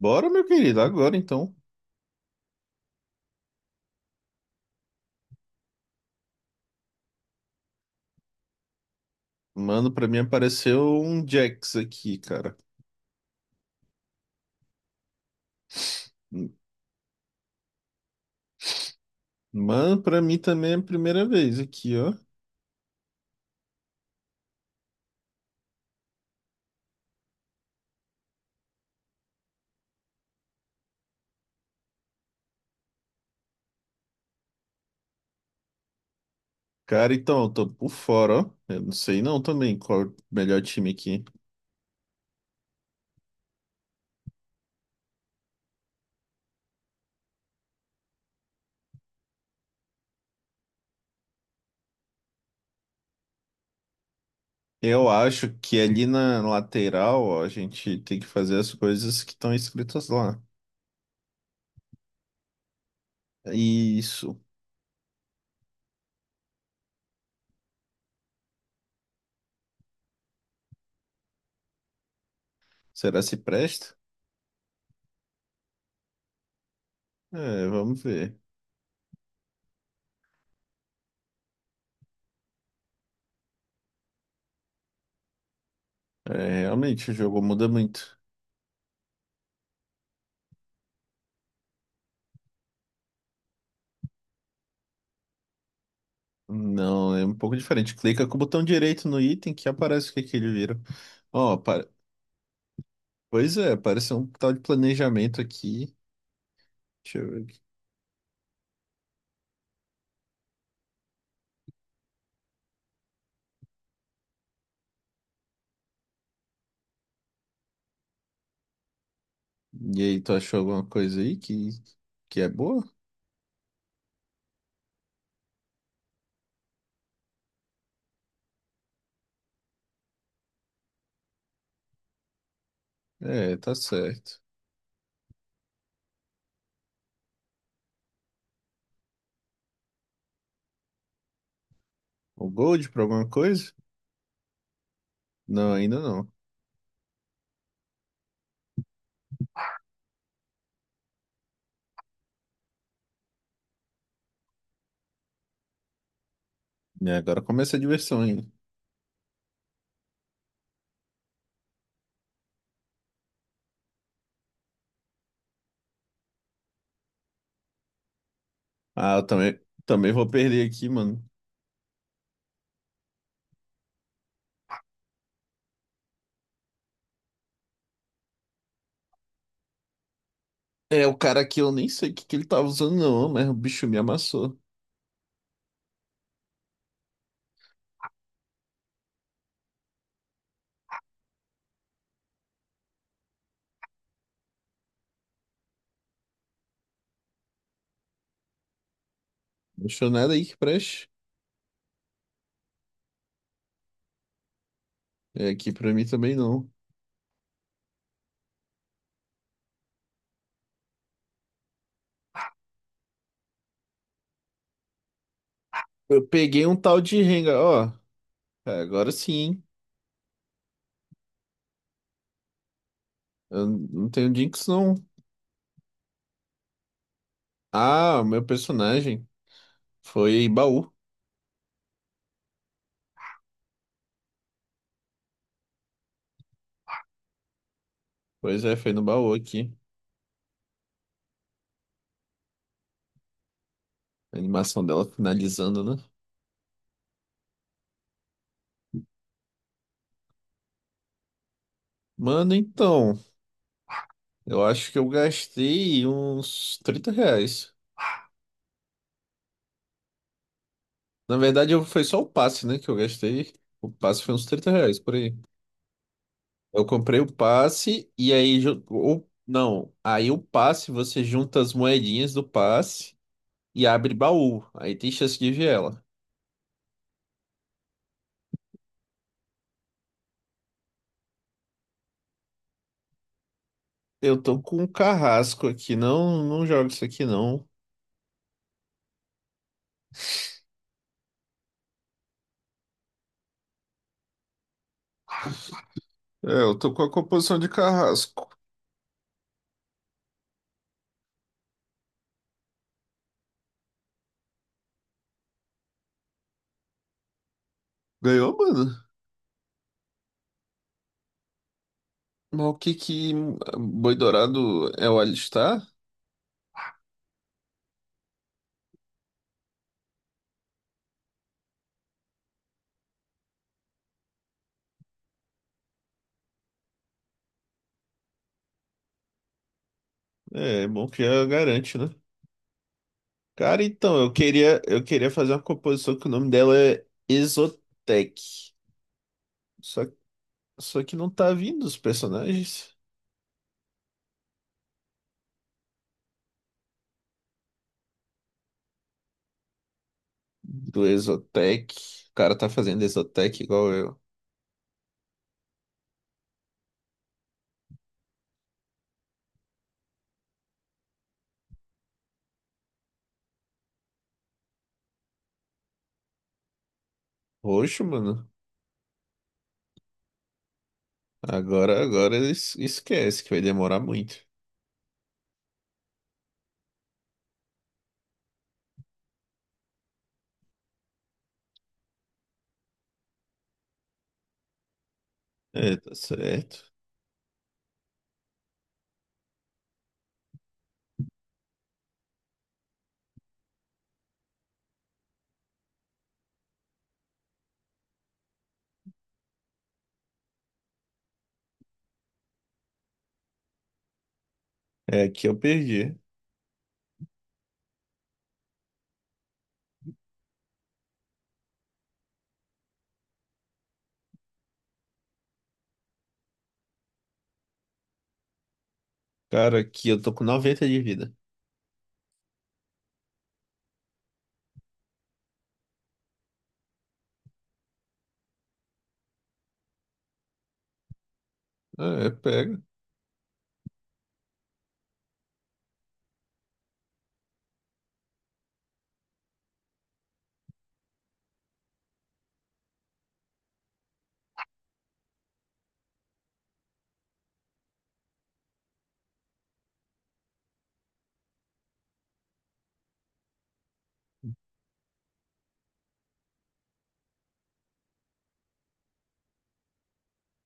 Bora, meu querido, agora então. Mano, pra mim apareceu um Jax aqui, cara. Mano, pra mim também é a primeira vez aqui, ó. Cara, então, eu tô por fora, ó. Eu não sei não também qual é o melhor time aqui. Eu acho que ali na lateral, ó, a gente tem que fazer as coisas que estão escritas lá. Isso. Será se presta? É, vamos ver. É, realmente, o jogo muda muito. Não, é um pouco diferente. Clica com o botão direito no item que aparece o que que ele vira. Ó, pa- Pois é, parece um tal de planejamento aqui. Deixa eu ver aqui. E aí, tu achou alguma coisa aí que é boa? É, tá certo. O Gold pra alguma coisa? Não, ainda não. E agora começa a diversão ainda. Ah, eu também, vou perder aqui, mano. É, o cara aqui eu nem sei o que que ele tava usando, não, mas o bicho me amassou. Não achou nada aí que preste. É, aqui pra mim também não. Eu peguei um tal de Rengar, ó. É, agora sim, hein? Eu não tenho Jinx, não. Ah, o meu personagem foi baú. Pois é, foi no baú aqui. A animação dela finalizando, né? Mano, então, eu acho que eu gastei uns R$ 30. Na verdade, foi só o passe, né, que eu gastei. O passe foi uns R$ 30, por aí. Eu comprei o passe e aí... Ou, não, aí o passe, você junta as moedinhas do passe e abre baú. Aí tem chance de ver ela. Eu tô com um carrasco aqui. Não, não jogo isso aqui, não. É, eu tô com a composição de carrasco. Ganhou, mano? Mas o que que Boi Dourado é o Alistar? É, é bom que já garante, né? Cara, então, eu queria fazer uma composição que o nome dela é Exotec. Só, só que não tá vindo os personagens do Exotec. O cara tá fazendo Exotec igual eu. Roxo, mano. Agora, esquece que vai demorar muito. É, tá certo. É, que eu perdi. Cara, aqui eu tô com 90 de vida. Ah, é, pega.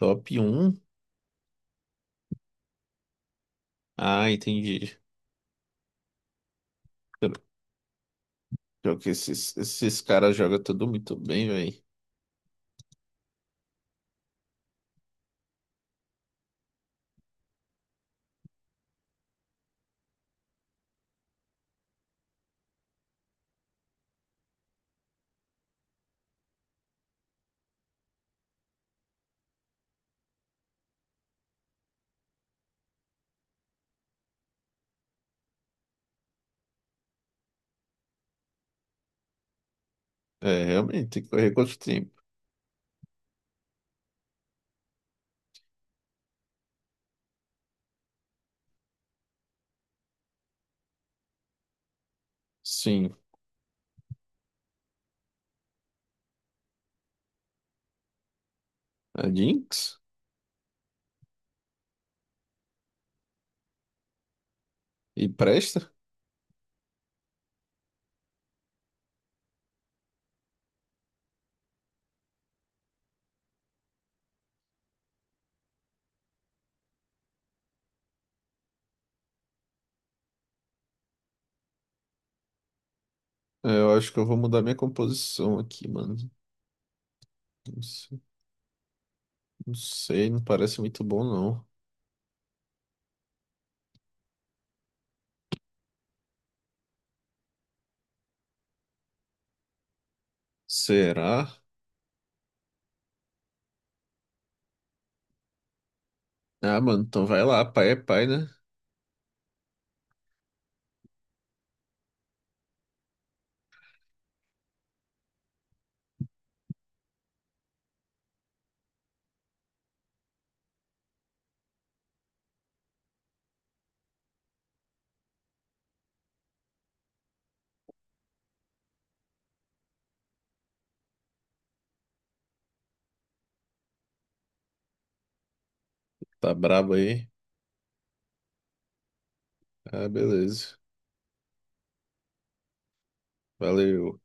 Top um. Ah, entendi. Pior que esses caras jogam tudo muito bem, velho. É, realmente, tem que correr contra o tempo. Sim. A Jinx? E presta? É, eu acho que eu vou mudar minha composição aqui, mano. Não se- não sei, não parece muito bom, não. Será? Ah, mano, então vai lá, pai é pai, né? Tá brabo aí. Ah, beleza. Valeu.